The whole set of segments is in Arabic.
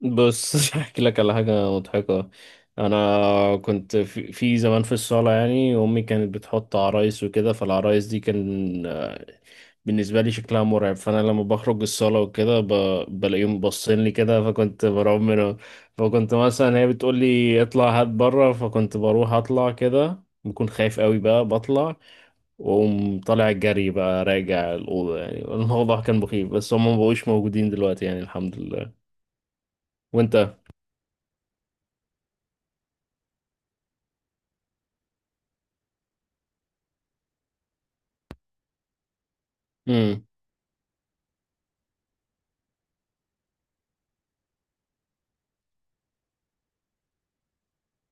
بص، احكي لك على حاجه مضحكه. انا كنت في زمان في الصاله، يعني امي كانت بتحط عرايس وكده، فالعرايس دي كان آه، بالنسبه لي شكلها مرعب، فانا لما بخرج الصاله وكده بلاقيهم باصين لي كده، فكنت برعب منهم. فكنت مثلا هي بتقول لي اطلع هات بره، فكنت بروح اطلع كده بكون خايف قوي، بقى بطلع واقوم طالع جري بقى راجع الأوضة، يعني الموضوع كان مخيف، بس هم مبقوش موجودين دلوقتي يعني، الحمد لله. وانت؟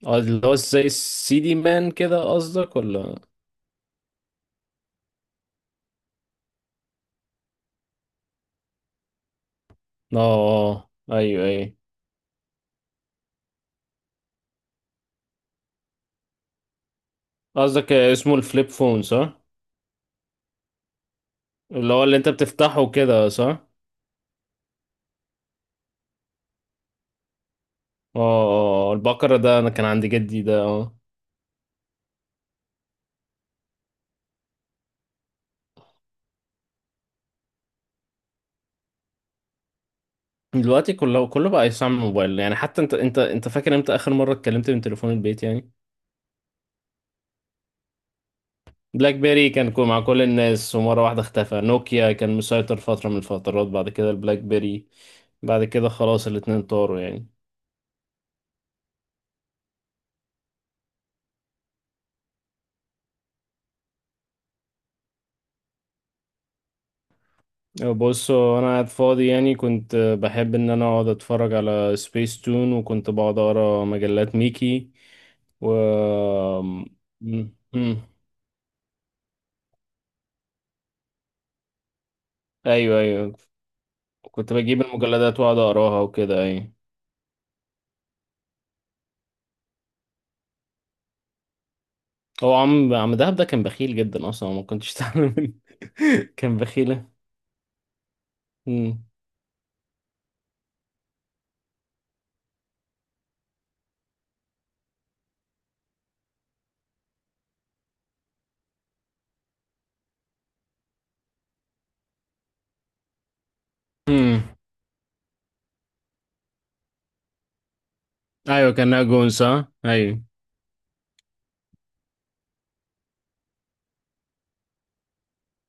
اه، اللي هو زي السي دي مان كده قصدك ولا؟ اه آه، ايوه ايوه. قصدك اسمه الفليب فون، صح؟ اللي هو اللي انت بتفتحه كده، صح؟ اه. اه آه، البقرة ده انا كان عند جدي ده، اه. دلوقتي كله بقى يستعمل موبايل، يعني حتى انت فاكر امتى اخر مرة اتكلمت من تليفون البيت يعني؟ بلاك بيري كان مع كل الناس، ومرة واحدة اختفى. نوكيا كان مسيطر فترة من الفترات، بعد كده البلاك بيري، بعد كده خلاص الاتنين طاروا يعني. بص، هو انا قاعد فاضي يعني، كنت بحب ان انا اقعد اتفرج على سبيس تون، وكنت بقعد اقرا مجلات ميكي و م. ايوه ايوه. كنت بجيب المجلدات واقعد اقراها وكده، ايوه. هو عم دهب ده كان بخيل جدا، اصلا ما كنتش تعمل منه. كان بخيلة. م. م. ايوه، كان ناجون، صح؟ ايوه.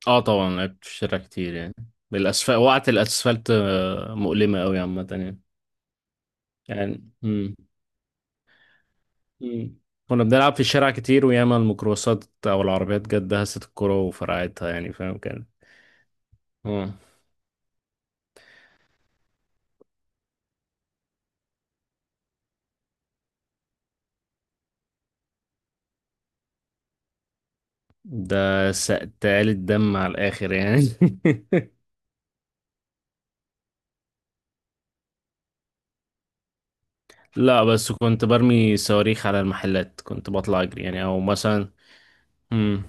اه طبعا، لعبت في الشارع كتير يعني. بالاسفل وقعت الاسفلت، آه، مؤلمة قوي عامة يعني. يعني م. مم. كنا بنلعب في الشارع كتير، وياما الميكروباصات او العربيات جت دهست الكرة وفرقعتها، يعني فاهم كان. اه، ده سقتال الدم على الاخر يعني. لا، بس كنت برمي صواريخ على المحلات، كنت بطلع اجري يعني، او مثلا. مم.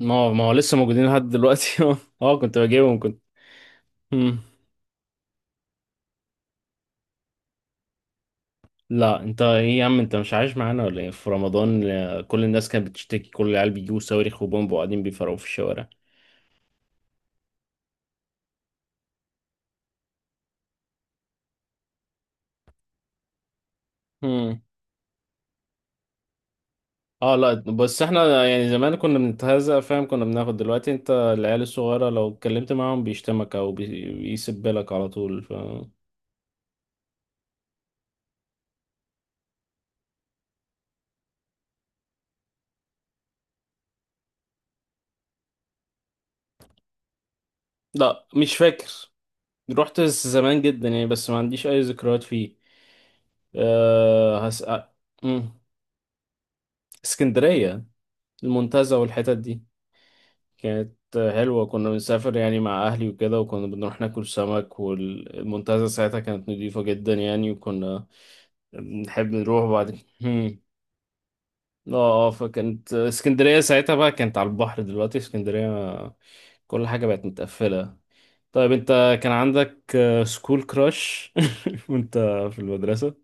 ما هو لسه موجودين لحد دلوقتي، اه. آه، كنت بجيبهم، كنت. مم. لا، انت ايه يا عم؟ انت مش عايش معانا ولا ايه؟ في رمضان آه، كل الناس كانت بتشتكي، كل العيال بيجيبوا صواريخ وبومب وقاعدين بيفرقوا في الشوارع. مم. اه لا، بس احنا يعني زمان كنا بنتهزأ، فاهم؟ كنا بناخد. دلوقتي انت العيال الصغيرة لو اتكلمت معاهم بيشتمك او بيسبلك على طول، ف... لا، مش فاكر. رحت زمان جدا يعني، بس ما عنديش اي ذكريات فيه. أه. مم. اسكندرية، المنتزه والحتت دي. كانت حلوة، كنا بنسافر يعني مع اهلي وكده، وكنا بنروح ناكل سمك، والمنتزه ساعتها كانت نضيفة جدا يعني، وكنا بنحب نروح. بعد اه، اه. فكانت اسكندرية ساعتها بقى كانت على البحر، دلوقتي اسكندرية آه، كل حاجة بقت متقفلة. طيب انت، كان عندك آه، سكول كراش؟ وانت في المدرسة؟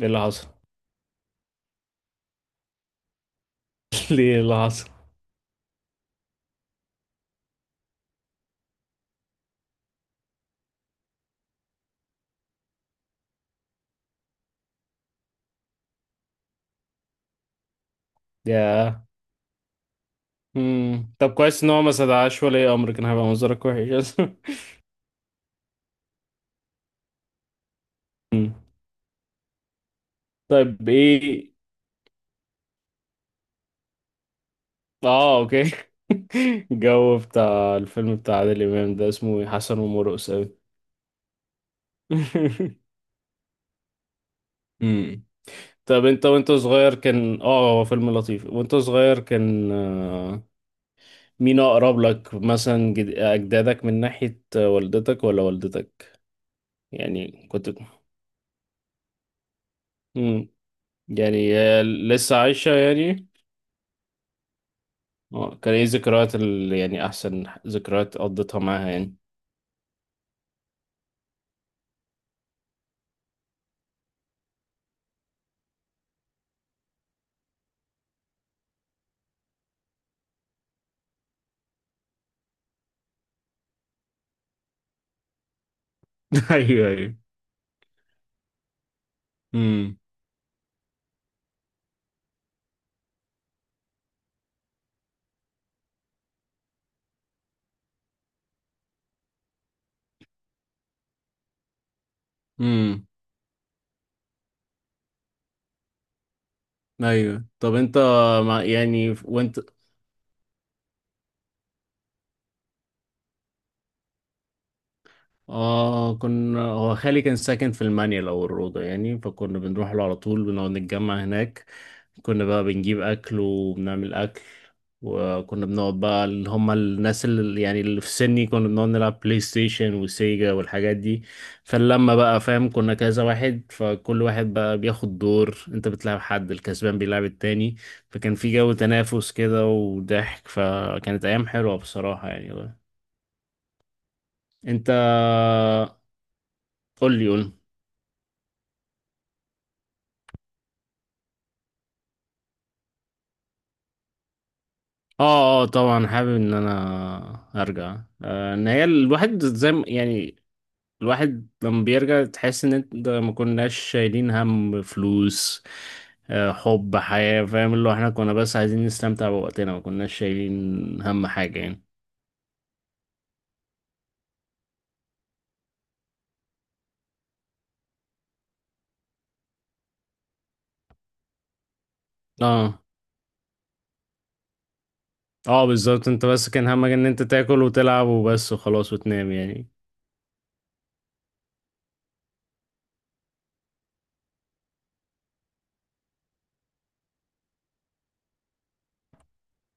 ايه اللي حصل؟ ليه؟ إيه اللي حصل؟ ياه. مم. طب كويس ان هو ما صدعش ولي امر، كان هيبقى منظرك وحش. مم. طيب ايه؟ اه، اوكي. الجو بتاع الفيلم بتاع عادل امام ده اسمه إيه؟ حسن ومرقص، اوي. مم. طب انت وانت صغير، كان اه هو فيلم لطيف، وانت صغير كان آه، مين اقرب لك مثلا اجدادك من ناحية آه، والدتك ولا والدتك؟ يعني كنت. مم. يعني آه، لسه عايشة يعني؟ اه، كان ايه ذكريات يعني احسن ذكريات قضيتها معاها يعني؟ ايوه ايوه. امم. امم. ايوه، طب انت مع... يعني وانت. اه، كنا هو خالي كان ساكن في المانيا او الروضه يعني، فكنا بنروح له على طول، بنقعد نتجمع هناك. كنا بقى بنجيب أكل وبنعمل أكل، وكنا بنقعد بقى اللي هما الناس اللي يعني اللي في سني، كنا بنقعد نلعب بلاي ستيشن وسيجا والحاجات دي. فلما بقى فاهم كنا كذا واحد، فكل واحد بقى بياخد دور، انت بتلعب، حد الكسبان بيلعب التاني. فكان في جو تنافس كده وضحك، فكانت أيام حلوة بصراحة يعني. انت، قول لي قول لي. اه اه طبعا، حابب ان انا ارجع. آه، ان هي الواحد زي يعني الواحد لما بيرجع تحس ان انت ده ما كناش شايلين هم فلوس. آه، حب حياة، فاهم؟ اللي هو احنا كنا بس عايزين نستمتع بوقتنا، ما كناش شايلين هم حاجة يعني. اه اه بالظبط، انت بس كان همك ان انت تاكل وتلعب وبس وخلاص وتنام يعني.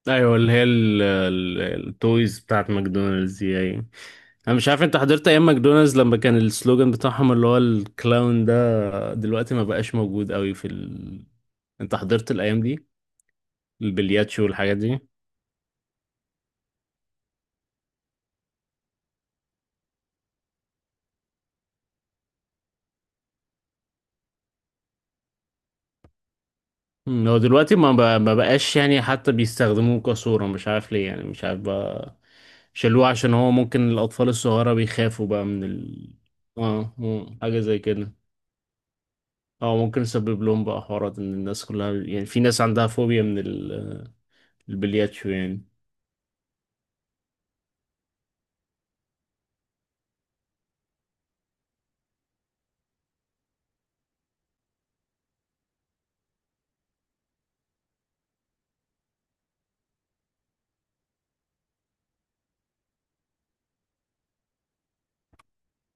ايوه اللي هي التويز بتاعت ماكدونالدز دي يعني. انا مش عارف انت حضرت ايام ماكدونالدز لما كان السلوجان بتاعهم اللي هو الكلاون ده؟ دلوقتي ما بقاش موجود قوي في ال... انت حضرت الايام دي؟ البلياتشو والحاجات دي. مم، هو دلوقتي ما بقاش يعني، حتى بيستخدموه كصورة، مش عارف ليه يعني، مش عارف بقى. شالوه عشان هو ممكن الأطفال الصغيرة بيخافوا بقى من ال... اه آه، حاجة زي كده. اه ممكن يسبب لهم بقى حوارات، ان الناس كلها يعني، في ناس عندها فوبيا من البلياتشو يعني.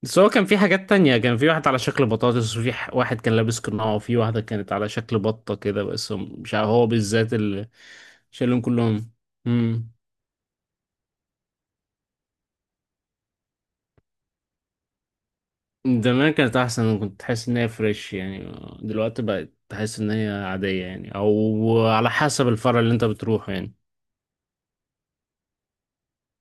بس هو كان في حاجات تانية، كان في واحد على شكل بطاطس، وفي واحد كان لابس قناع، وفي واحدة كانت على شكل بطة كده، بس مش عارف هو بالذات اللي شالهم كلهم. زمان كانت احسن، كنت تحس ان هي فريش يعني. دلوقتي بقت تحس ان هي عادية يعني، او على حسب الفرع اللي انت بتروحه يعني.